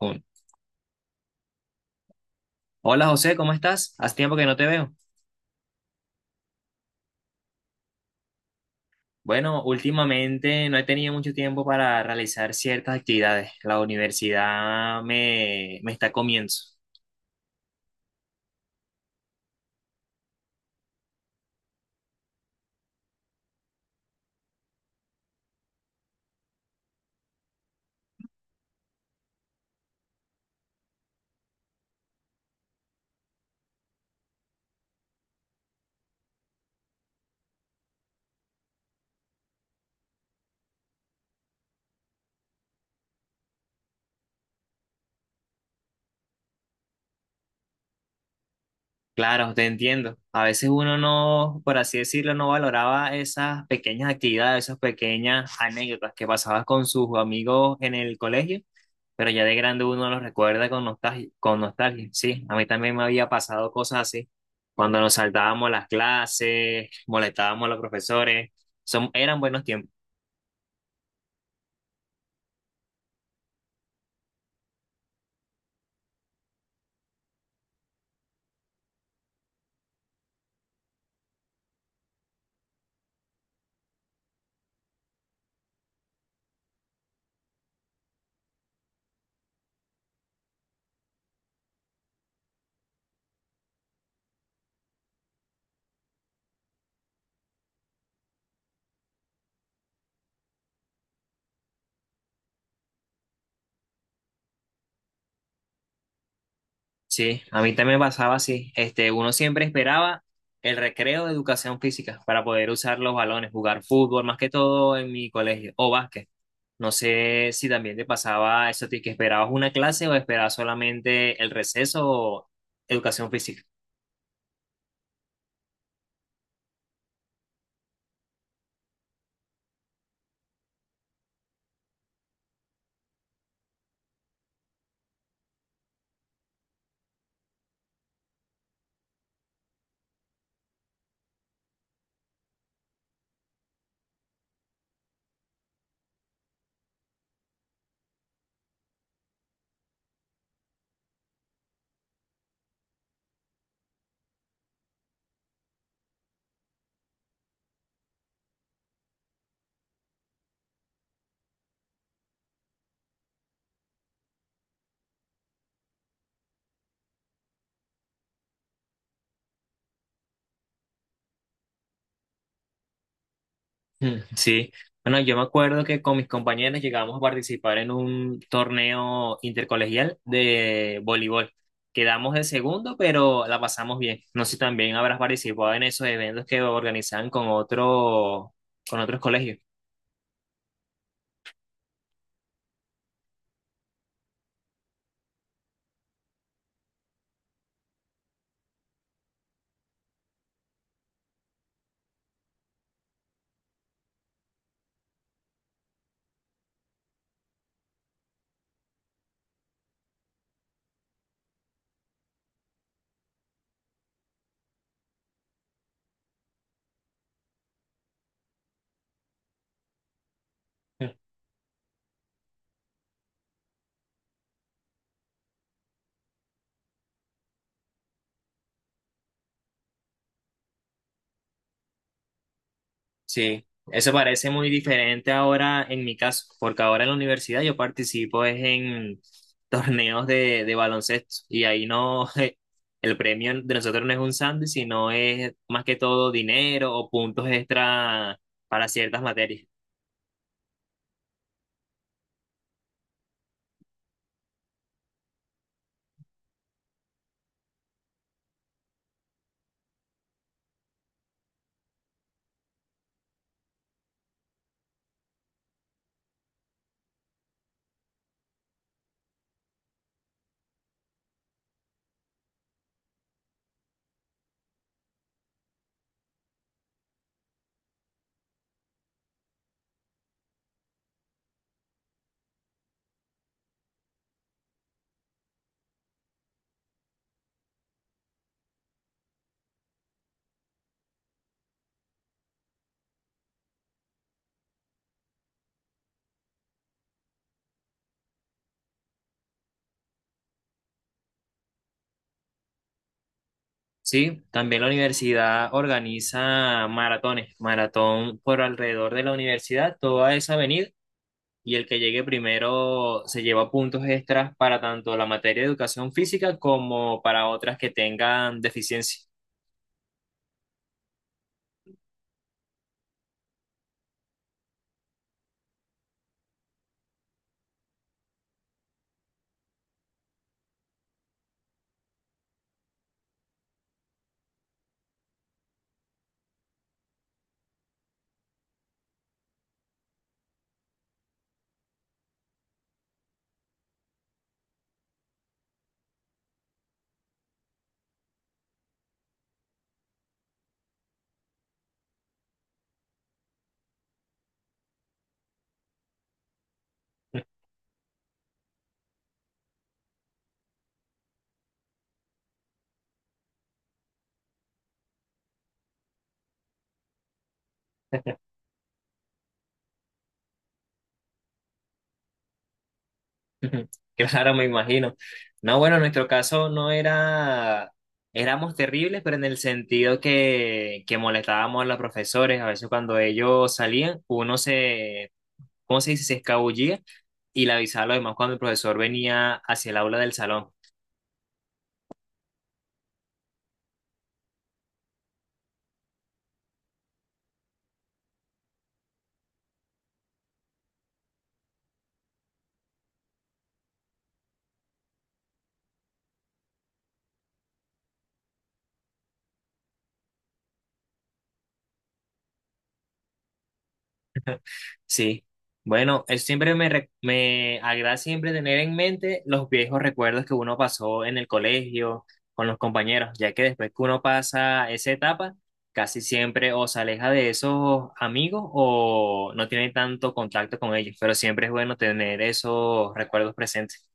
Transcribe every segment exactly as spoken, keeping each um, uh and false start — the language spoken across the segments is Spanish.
Un- Hola José, ¿cómo estás? Hace tiempo que no te veo. Bueno, últimamente no he tenido mucho tiempo para realizar ciertas actividades. La universidad me, me está comiendo. Claro, te entiendo. A veces uno no, por así decirlo, no valoraba esas pequeñas actividades, esas pequeñas anécdotas que pasabas con sus amigos en el colegio, pero ya de grande uno los recuerda con nostalgia, con nostalgia. Sí, a mí también me había pasado cosas así, cuando nos saltábamos las clases, molestábamos a los profesores. Son, eran buenos tiempos. Sí, a mí también me pasaba así. Este, uno siempre esperaba el recreo de educación física para poder usar los balones, jugar fútbol, más que todo en mi colegio, o básquet. No sé si también te pasaba eso, a ti, que esperabas una clase o esperabas solamente el receso o educación física. Mm, sí, bueno, yo me acuerdo que con mis compañeros llegamos a participar en un torneo intercolegial de voleibol. Quedamos de segundo, pero la pasamos bien. No sé si también habrás participado en esos eventos que organizan con otro, con otros colegios. Mm. Sí, eso parece muy diferente ahora en mi caso, porque ahora en la universidad yo participo es en torneos de, de baloncesto y ahí no, el premio de nosotros no es un sándwich, sino es más que todo dinero o puntos extra para ciertas materias. Sí, también la universidad organiza maratones, maratón por alrededor de la universidad, toda esa avenida, y el que llegue primero se lleva puntos extras para tanto la materia de educación física como para otras que tengan deficiencia. Claro, me imagino. No, bueno, en nuestro caso no era, éramos terribles, pero en el sentido que, que molestábamos a los profesores. A veces cuando ellos salían, uno se, ¿cómo se dice? Se escabullía y le avisaba a los demás cuando el profesor venía hacia el aula del salón. Sí, bueno, es siempre me, re- me agrada siempre tener en mente los viejos recuerdos que uno pasó en el colegio con los compañeros, ya que después que uno pasa esa etapa, casi siempre o se aleja de esos amigos o no tiene tanto contacto con ellos, pero siempre es bueno tener esos recuerdos presentes.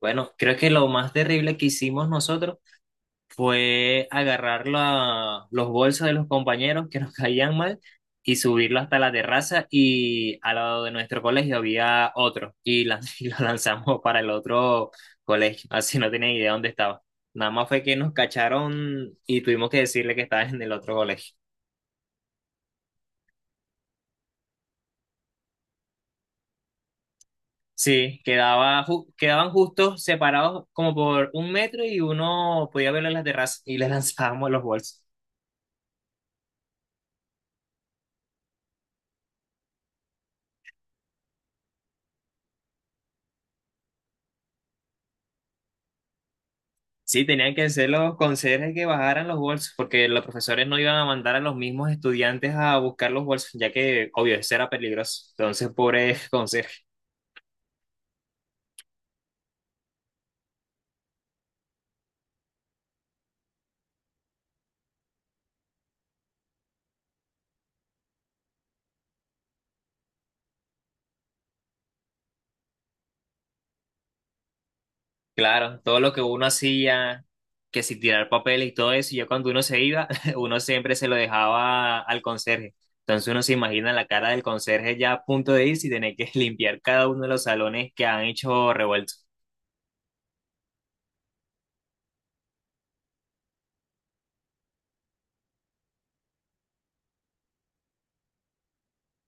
Bueno, creo que lo más terrible que hicimos nosotros fue agarrar la- los bolsos de los compañeros que nos caían mal y subirlo hasta la terraza y al lado de nuestro colegio había otro y, lan- y lo lanzamos para el otro colegio, así no tenía idea dónde estaba. Nada más fue que nos cacharon y tuvimos que decirle que estaba en el otro colegio. Sí, quedaba, ju- quedaban justos separados como por un metro y uno podía verlo en la terraza y le lanzábamos los bolsos. Sí, tenían que ser los conserjes que bajaran los bolsos, porque los profesores no iban a mandar a los mismos estudiantes a buscar los bolsos, ya que, obvio, eso era peligroso. Entonces, pobre conserje. Claro, todo lo que uno hacía, que si tirar papeles y todo eso, ya cuando uno se iba, uno siempre se lo dejaba al conserje. Entonces, uno se imagina la cara del conserje ya a punto de irse y tener que limpiar cada uno de los salones que han hecho revuelto.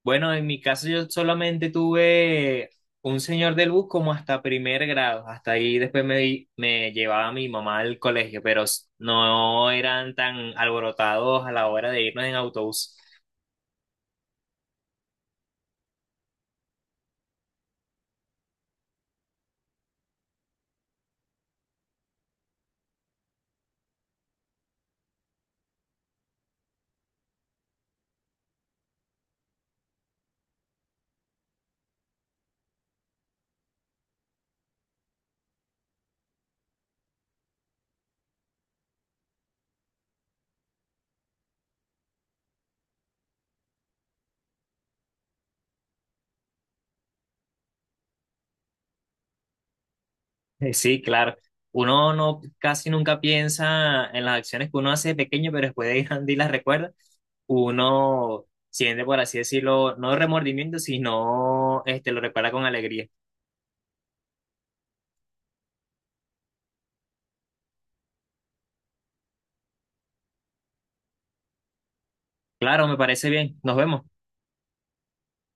Bueno, en mi caso yo solamente tuve un señor del bus como hasta primer grado, hasta ahí después me, me llevaba mi mamá al colegio, pero s- no eran tan alborotados a la hora de irnos en autobús. Eh, Sí, claro, uno no casi nunca piensa en las acciones que uno hace de pequeño, pero después de grande y las recuerda, uno siente, por así decirlo, no remordimiento, sino este, lo recuerda con alegría. Claro, me parece bien, nos vemos.